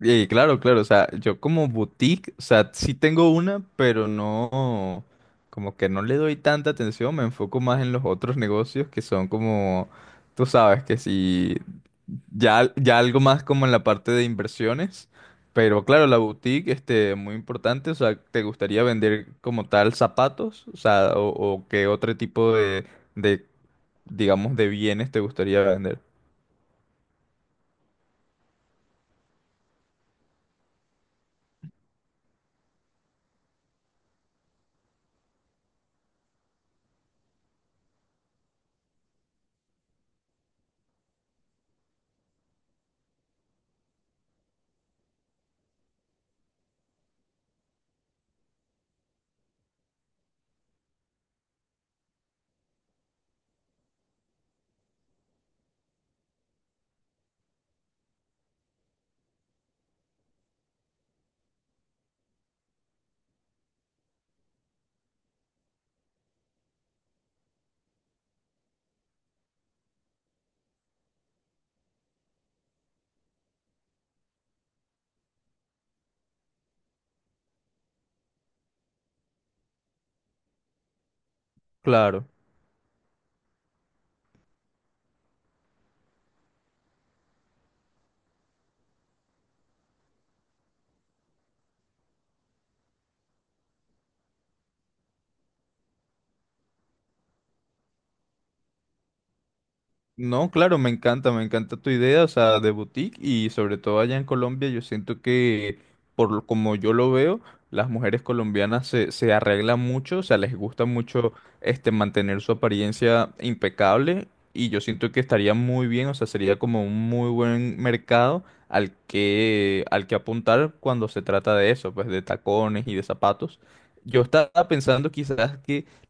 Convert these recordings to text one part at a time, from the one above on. Y claro, claro, o sea, yo como boutique, o sea, sí tengo una, pero no, como que no le doy tanta atención, me enfoco más en los otros negocios que son como, tú sabes, que si ya, ya algo más como en la parte de inversiones, pero claro, la boutique, muy importante, o sea, ¿te gustaría vender como tal zapatos? O sea, o qué otro tipo de, digamos, de bienes te gustaría vender? Claro. No, claro, me encanta tu idea, o sea, de boutique y sobre todo allá en Colombia, yo siento que, como yo lo veo, las mujeres colombianas se arreglan mucho, o sea, les gusta mucho mantener su apariencia impecable y yo siento que estaría muy bien, o sea, sería como un muy buen mercado al que apuntar cuando se trata de eso, pues de tacones y de zapatos. Yo estaba pensando quizás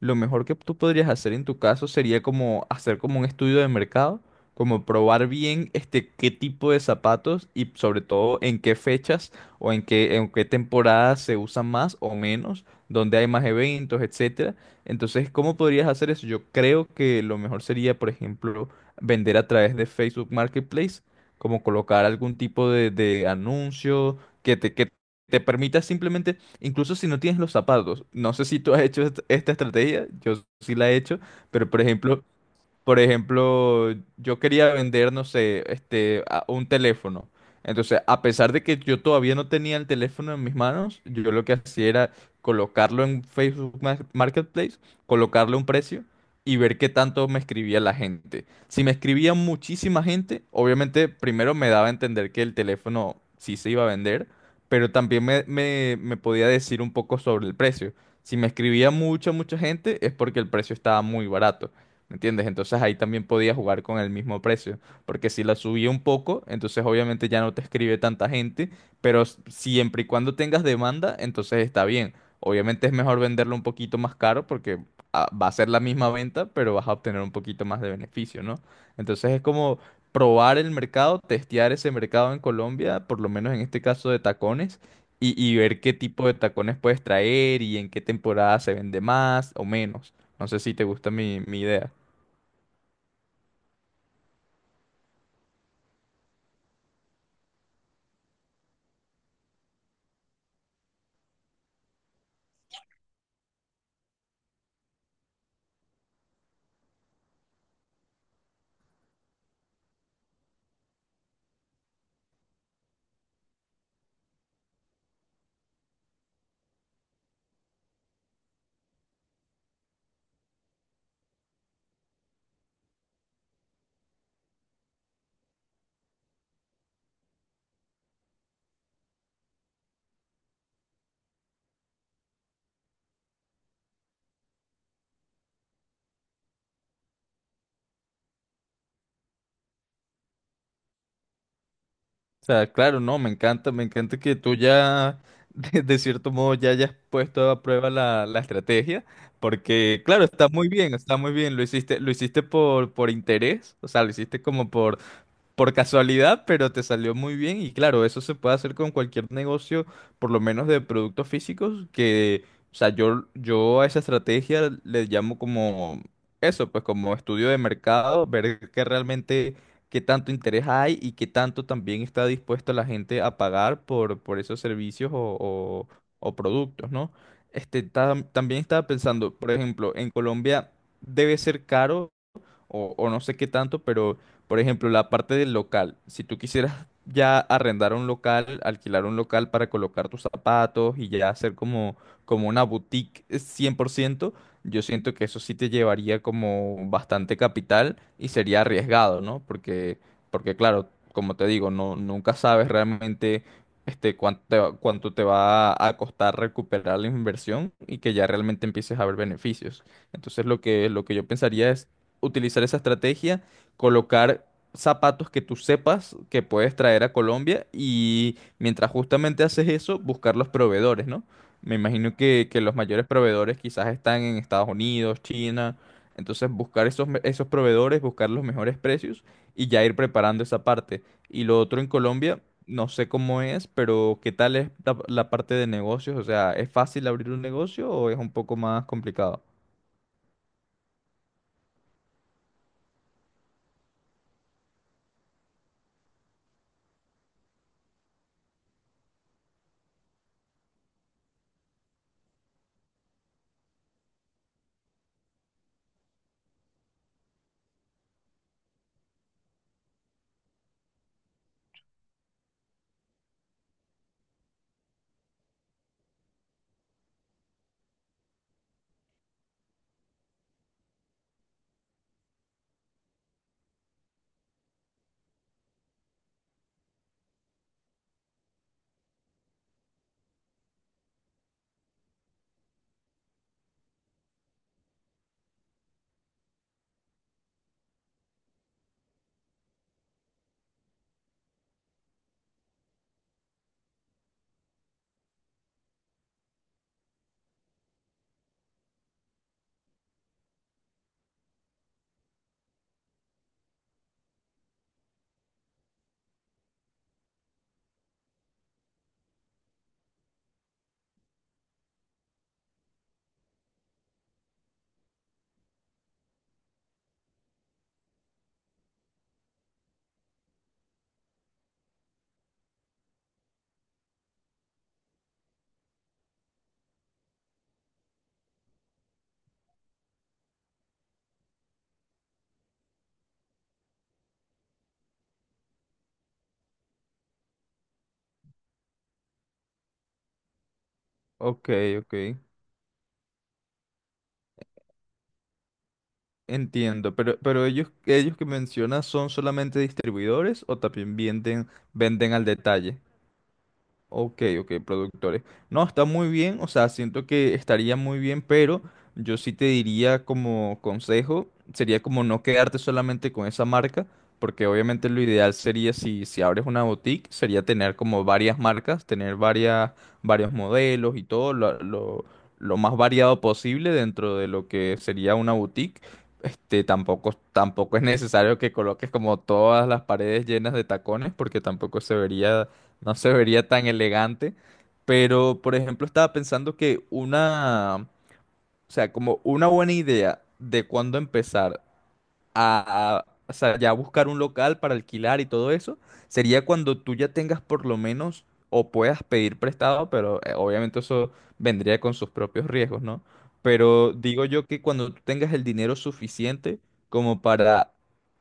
lo mejor que tú podrías hacer en tu caso sería como hacer como un estudio de mercado, como probar bien qué tipo de zapatos y sobre todo en qué fechas o en qué temporadas se usan más o menos, dónde hay más eventos, etcétera. Entonces, ¿cómo podrías hacer eso? Yo creo que lo mejor sería, por ejemplo, vender a través de Facebook Marketplace, como colocar algún tipo de anuncio que te permita simplemente. Incluso si no tienes los zapatos, no sé si tú has hecho esta estrategia, yo sí la he hecho, pero por ejemplo, yo quería vender, no sé, un teléfono. Entonces, a pesar de que yo todavía no tenía el teléfono en mis manos, yo lo que hacía era colocarlo en Facebook Marketplace, colocarle un precio y ver qué tanto me escribía la gente. Si me escribía muchísima gente, obviamente primero me daba a entender que el teléfono sí se iba a vender, pero también me podía decir un poco sobre el precio. Si me escribía mucha, mucha gente, es porque el precio estaba muy barato. ¿Me entiendes? Entonces ahí también podía jugar con el mismo precio, porque si la subía un poco, entonces obviamente ya no te escribe tanta gente, pero siempre y cuando tengas demanda, entonces está bien. Obviamente es mejor venderlo un poquito más caro porque ah, va a ser la misma venta, pero vas a obtener un poquito más de beneficio, ¿no? Entonces es como probar el mercado, testear ese mercado en Colombia, por lo menos en este caso de tacones, y ver qué tipo de tacones puedes traer y en qué temporada se vende más o menos. No sé si te gusta mi idea. O sea, claro, no, me encanta que tú ya, de cierto modo, ya hayas puesto a prueba la estrategia, porque, claro, está muy bien, lo hiciste por interés, o sea, lo hiciste como por casualidad, pero te salió muy bien y claro, eso se puede hacer con cualquier negocio, por lo menos de productos físicos, que, o sea, yo a esa estrategia le llamo como eso, pues como estudio de mercado, ver qué realmente, qué tanto interés hay y qué tanto también está dispuesta la gente a pagar por esos servicios o productos, ¿no? Este, también estaba pensando, por ejemplo, en Colombia debe ser caro o no sé qué tanto, pero por ejemplo, la parte del local, si tú quisieras ya arrendar un local, alquilar un local para colocar tus zapatos y ya hacer como, como una boutique 100%, yo siento que eso sí te llevaría como bastante capital y sería arriesgado, ¿no? Porque, porque claro, como te digo, no, nunca sabes realmente cuánto te va a costar recuperar la inversión y que ya realmente empieces a ver beneficios. Entonces lo que yo pensaría es utilizar esa estrategia, colocar zapatos que tú sepas que puedes traer a Colombia y mientras justamente haces eso, buscar los proveedores, ¿no? Me imagino que los mayores proveedores quizás están en Estados Unidos, China, entonces buscar esos proveedores, buscar los mejores precios y ya ir preparando esa parte. Y lo otro en Colombia, no sé cómo es, pero ¿qué tal es la parte de negocios? O sea, ¿es fácil abrir un negocio o es un poco más complicado? Ok, ok. Entiendo, pero ellos que mencionas son solamente distribuidores o también venden al detalle. Ok, ok, productores. No, está muy bien, o sea, siento que estaría muy bien, pero yo sí te diría como consejo, sería como no quedarte solamente con esa marca, porque obviamente lo ideal sería si abres una boutique, sería tener como varias marcas, tener varios modelos y todo, lo más variado posible dentro de lo que sería una boutique. Este, tampoco es necesario que coloques como todas las paredes llenas de tacones, porque tampoco se vería no se vería tan elegante. Pero, por ejemplo, estaba pensando que una, o sea, como una buena idea de cuándo empezar a, o sea, ya buscar un local para alquilar y todo eso, sería cuando tú ya tengas por lo menos o puedas pedir prestado, pero obviamente eso vendría con sus propios riesgos, ¿no? Pero digo yo que cuando tú tengas el dinero suficiente como para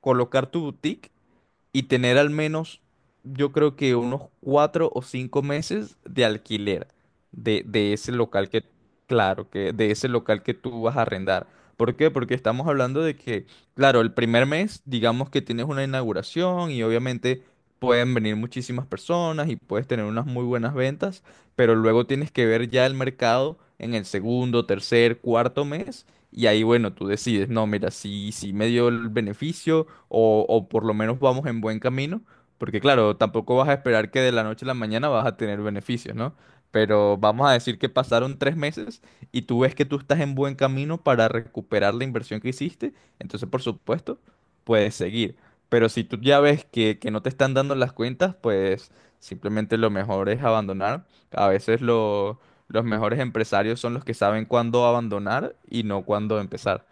colocar tu boutique y tener al menos, yo creo que unos 4 o 5 meses de alquiler de ese local que, claro, que de ese local que tú vas a arrendar. ¿Por qué? Porque estamos hablando de que, claro, el primer mes, digamos que tienes una inauguración y obviamente pueden venir muchísimas personas y puedes tener unas muy buenas ventas, pero luego tienes que ver ya el mercado en el segundo, tercer, cuarto mes y ahí, bueno, tú decides, no, mira, si me dio el beneficio o por lo menos vamos en buen camino, porque claro, tampoco vas a esperar que de la noche a la mañana vas a tener beneficios, ¿no? Pero vamos a decir que pasaron 3 meses y tú ves que tú estás en buen camino para recuperar la inversión que hiciste, entonces por supuesto puedes seguir. Pero si tú ya ves que no te están dando las cuentas, pues simplemente lo mejor es abandonar. A veces lo los mejores empresarios son los que saben cuándo abandonar y no cuándo empezar.